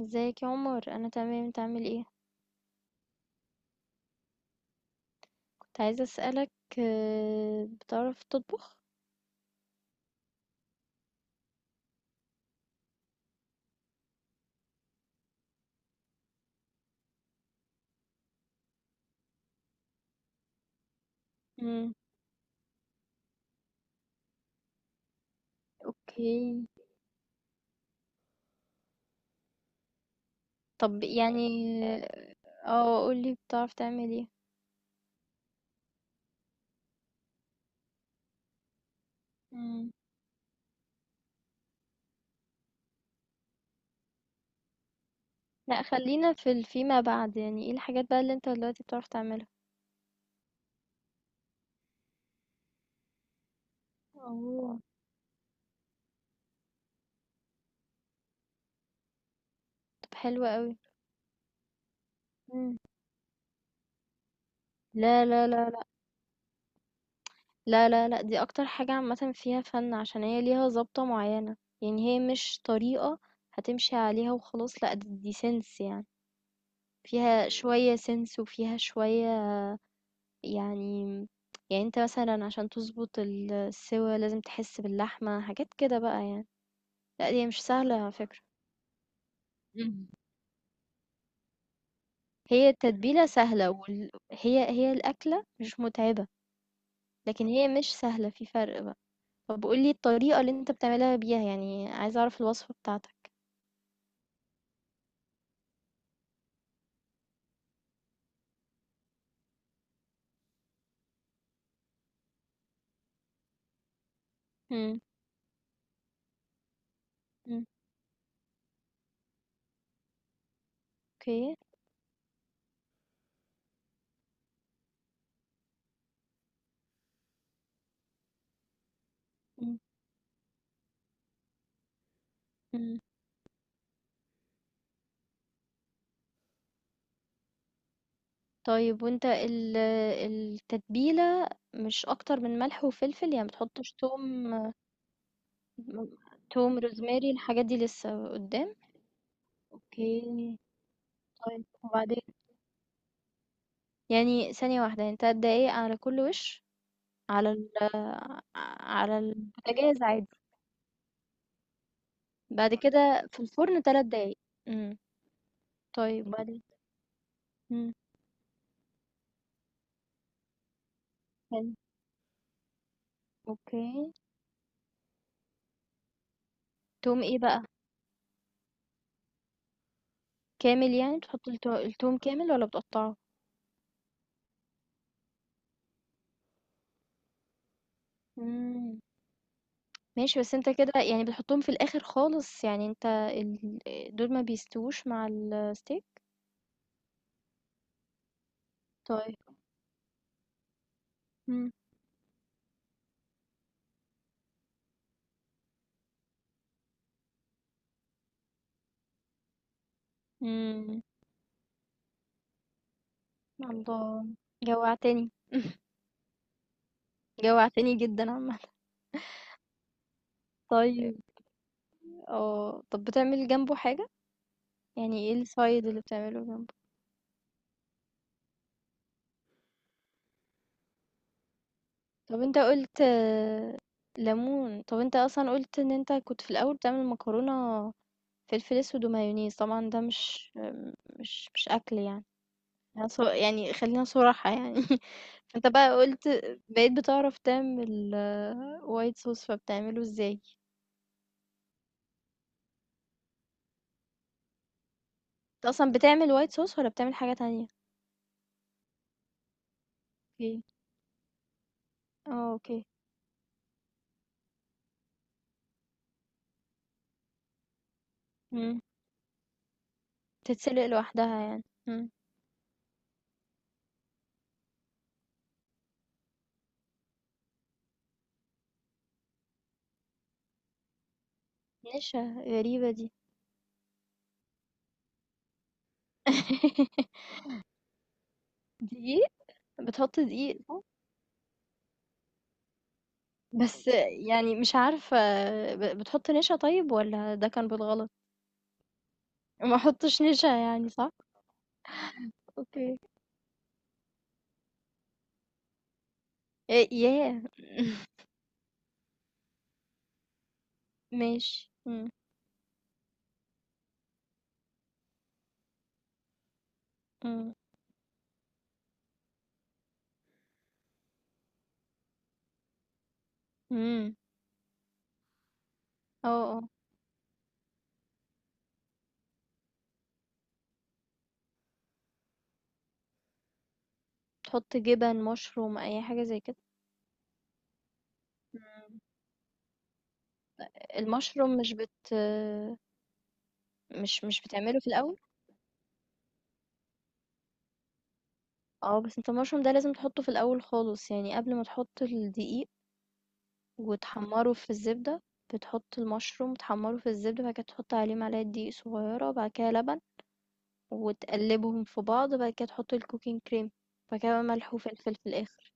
ازيك يا عمر، انا تمام، انت عامل ايه؟ كنت عايزه اسالك آه، بتعرف تطبخ؟ امم. اوكي. طب يعني اه قولي بتعرف تعمل ايه؟ امم. لا خلينا في فيما بعد، يعني ايه الحاجات بقى اللي انت دلوقتي بتعرف تعملها؟ اوه، طب حلوة قوي. مم. لا لا لا، لا لا لا، دي اكتر حاجة عامة فيها فن عشان هي ليها ضابطة معينة، يعني هي مش طريقة هتمشي عليها وخلاص. لا دي، دي سنس يعني، فيها شوية سنس وفيها شوية، يعني يعني أنت مثلًا عشان تضبط السِوَى لازم تحس باللحمة، حاجات كده بقى يعني. لأ هي مش سهلة على فكرة. إمم. هي التتبيلة سهلة هي الأكلة مش مُتعبة، لكن هي مش سهلة، في فرق بقى. طب قُل لي الطريقة اللي أنت بتعملها بيها، يعني عايزة أعرف الوصفة بتاعتك. إمم. إمم. أوكي. إمم. إمم. طيب وأنت التتبيلة مش أكتر من ملح وفلفل، يعني ما بتحطّش توم توم، روزماري، الحاجات دي لسه قدّام؟ أوكي. طيب وبعدين؟ يعني ثانية واحدة، يعني 3 دقايق على كل وِش، على ال على البوتاجاز عادي، بعد كده في الفرن 3 دقايق. إمم. طيب وبعدين؟ إمم. حلو. أوكي. توم إيه بقى؟ كامل يعني بتحط التوم كامل والّا بتقطّعه؟ إمم. ماشي، بس أنت كده يعني بتحطهم في الآخر خالص، يعني أنت دول ما بيستووش مع الsteak؟ طيب. إمم. إمم. الله! جوّعتني، جوّعتني جدًا عامةً. طيب، اه طب بتعمل جنبه حاجة؟ يعني ايه السايد اللي بتعمله جنبه؟ طب انت قلت آه، ليمون. طب انت اصلا قلت ان انت كنت في الاول بتعمل مكرونة فلفل اسود ومايونيز، طبعا ده مش مش اكل يعني، يعني يعني خلينا صراحة يعني. انت بقى قلت بقيت بتعرف تعمل وايت صوص، فبتعمله ازاي؟ انت اصلا بتعمل وايت صوص ولا بتعمل حاجة تانية؟ اوكي. اه اوكي. مم. تتسلق لوحدها يعني. مم. نشا؟ غريبة دي. دقيق؟ بتحط دقيق صح؟ بس يعني مش عارفة، بتحط نشا طيب والّا ده كان بالغلط؟ ما احطش نشا يعني صح؟ أوكي. ياه! ماشي. إمم. إمم. إمم. آه. آه. تحط جبن، مشروم، أي حاجة زي كده؟ إمم. المشروم مش بتعمله في الأول؟ آه، بس أنت المشروم ده لازم تحطه في الأول خالص، يعني قبل ما تحط الدقيق وتحمّره في الزبدة، بتحط المشروم تحمّره في الزبدة، بعد كده تحط عليه معلقة دقيق صغيّرة، بعد كده لبن، وتقلّبهم في بعض، بعد كده تحط الcooking cream، بعد كده بقى ملح وفلفل في الآخر.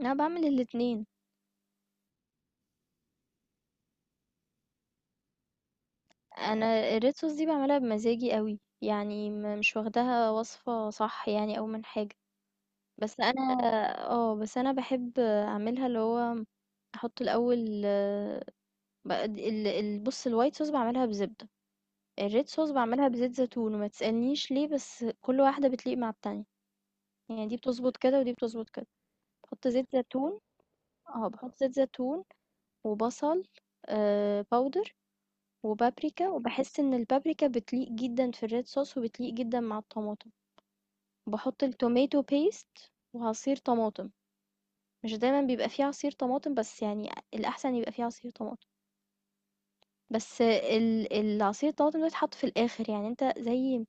أنا باعمل الاتنين. أنا الred sauce دي باعملها بمزاجي أوي، يعني مش واخداها وصفة صح يعني أو من حاجة، بس أنا آه، بس أنا باحب أعملها اللي هو أحط الأول ب ال ال بُص الwhite sauce باعملها بزبدة. الred sauce باعملها بزيت زيتون وما تسألنيش ليه، بس كل واحدة بتليق مع التانية، يعني دي بتظبط كده ودي بتظبط كده. بحط زيت زيتون، اه بحط زيت زيتون وبصل آه باودر وبابريكا، وبحس ان البابريكا بتليق جدا في الريد صوص وبتليق جدا مع الطماطم. بحط التوميتو بيست وعصير طماطم، مش دايما بيبقى فيه عصير طماطم بس يعني الاحسن يبقى فيه عصير طماطم. بس العصير الطماطم ده يتحط في الاخر، يعني انت زي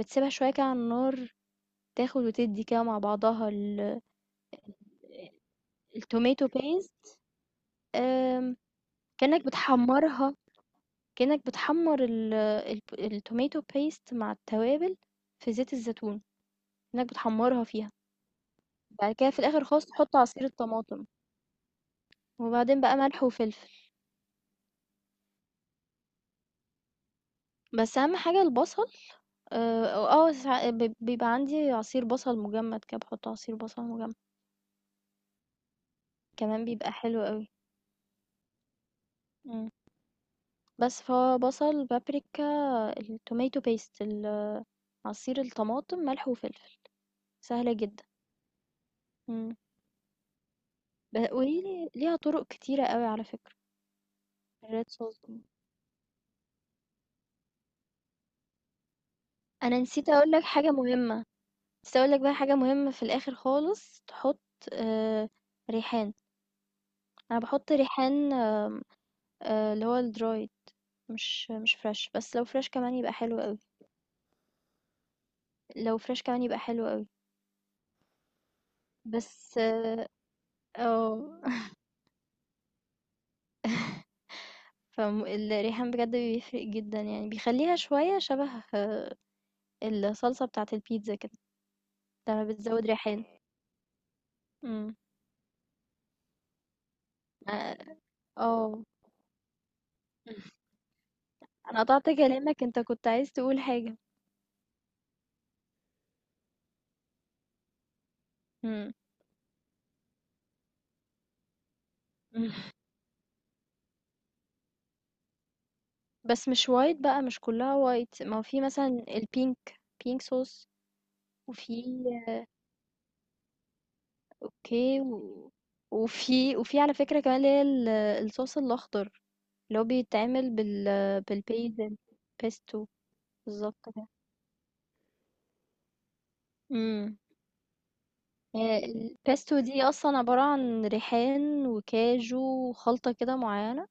بتسيبها شوية كده على النار، تاخد وتدّي كده مع بعضها الtomato paste. آمم، كأنك بتحمّرها، كأنك بتحمّر ال الب الtomato paste مع التوابل في زيت الزيتون، كأنك بتحمّرها فيها. بعد كده في الآخر خالص تحط عصير الطماطم، وبعدين بقى ملح وفلفل. بس أهم حاجة البصل. آآ، آه آه، ساع بيبقى عندي عصير بصل مجمّد كده، باحط عصير بصل مجمّد، كمان بيبقى حلو أوي. إمم. بس فهو بصل، بابريكا، الtomato paste عصير الطماطم، ملح وفلفل. سهلة جدا. مم. وهي ليها طرق كتيرة قوي على فكرة الريد صوص دي. انا نسيت اقول لك حاجة مهمة، نسيت اقول لك بقى حاجة مهمة، في الاخر خالص تحط آه ريحان. انا بحط ريحان، آه اللي هو الدرايد، مش فريش، بس لو فريش كمان يبقى حلو قوي. لو فريش كمان يبقى حلو قوي بس اه آه. فالريحان بجد بيفرق جدا، يعني بيخليها شوية شبه آه، الصلصة بتاعة البيتزا كده لما بتزود ريحان. مم. آآ آه. أنا قطعت كلامك، أنت كنت عايز تقول حاجة. إمم. إمم. بس مش white بقى، مش كلّها white، ما هو في مثلًا الpink pink sauce. وفي أوكي، و وفي على فكرة كمان اللي هي الصوص الأخضر، اللي هو بيتعمل بالbasil pesto. بالضبط كده. إمم. الpesto دي أصلًا عبارة عن ريحان وكاجو وخلطة كده معيّنة،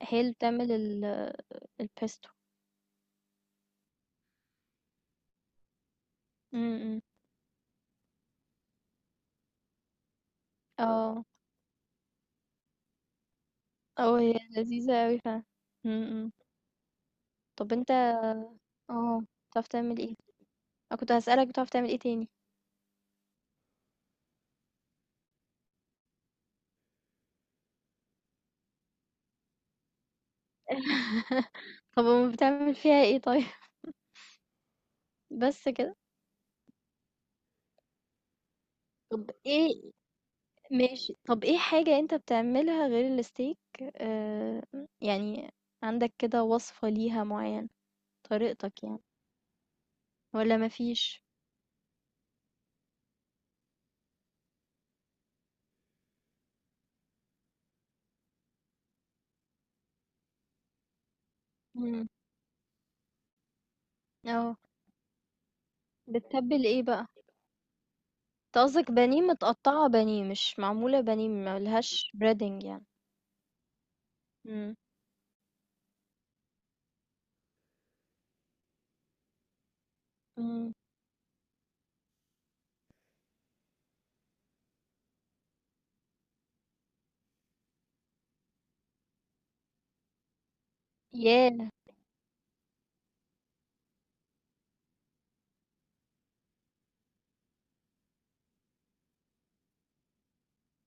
هي اللي بتعمل الpesto. إمم. اه اه هي لذيذة اوي فعلا. م- م. طب انت اه بتعرف تعمل ايه؟ انا كنت هسألك بتعرف تعمل ايه تاني؟ طب بتعمل فيها ايه طيب؟ بس كده؟ طب ايه، ماشي طب ايه حاجة انت بتعملها غير الستيك؟ آه، يعني عندك كده وصفة ليها معينة، طريقتك يعني، ولا مفيش؟ مم. اه بتتبل ايه بقى؟ انت قصدك بانيه متقطعة، بانيه مش معمولة بانيه ملهاش بريدنج يعني؟ مم. ياه!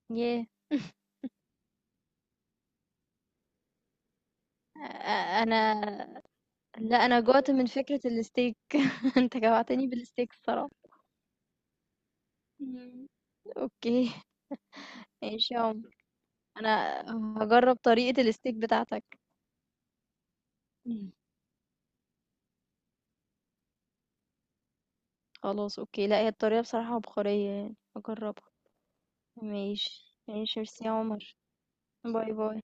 ياه! أ أنا، لأ، أنا جُعت من فكرة الsteak. أنت جوعتني بالsteak الصراحة. إمم. أوكي. ماشي يا عمر، أنا هاجرّب طريقة الsteak بتاعتك. إمم. خلاص أوكي، لأ، هي الطريقة بصراحة عبقرية يعني، هاجرّبها. ماشي ماشي، ميرسي يا عمر. باي باي.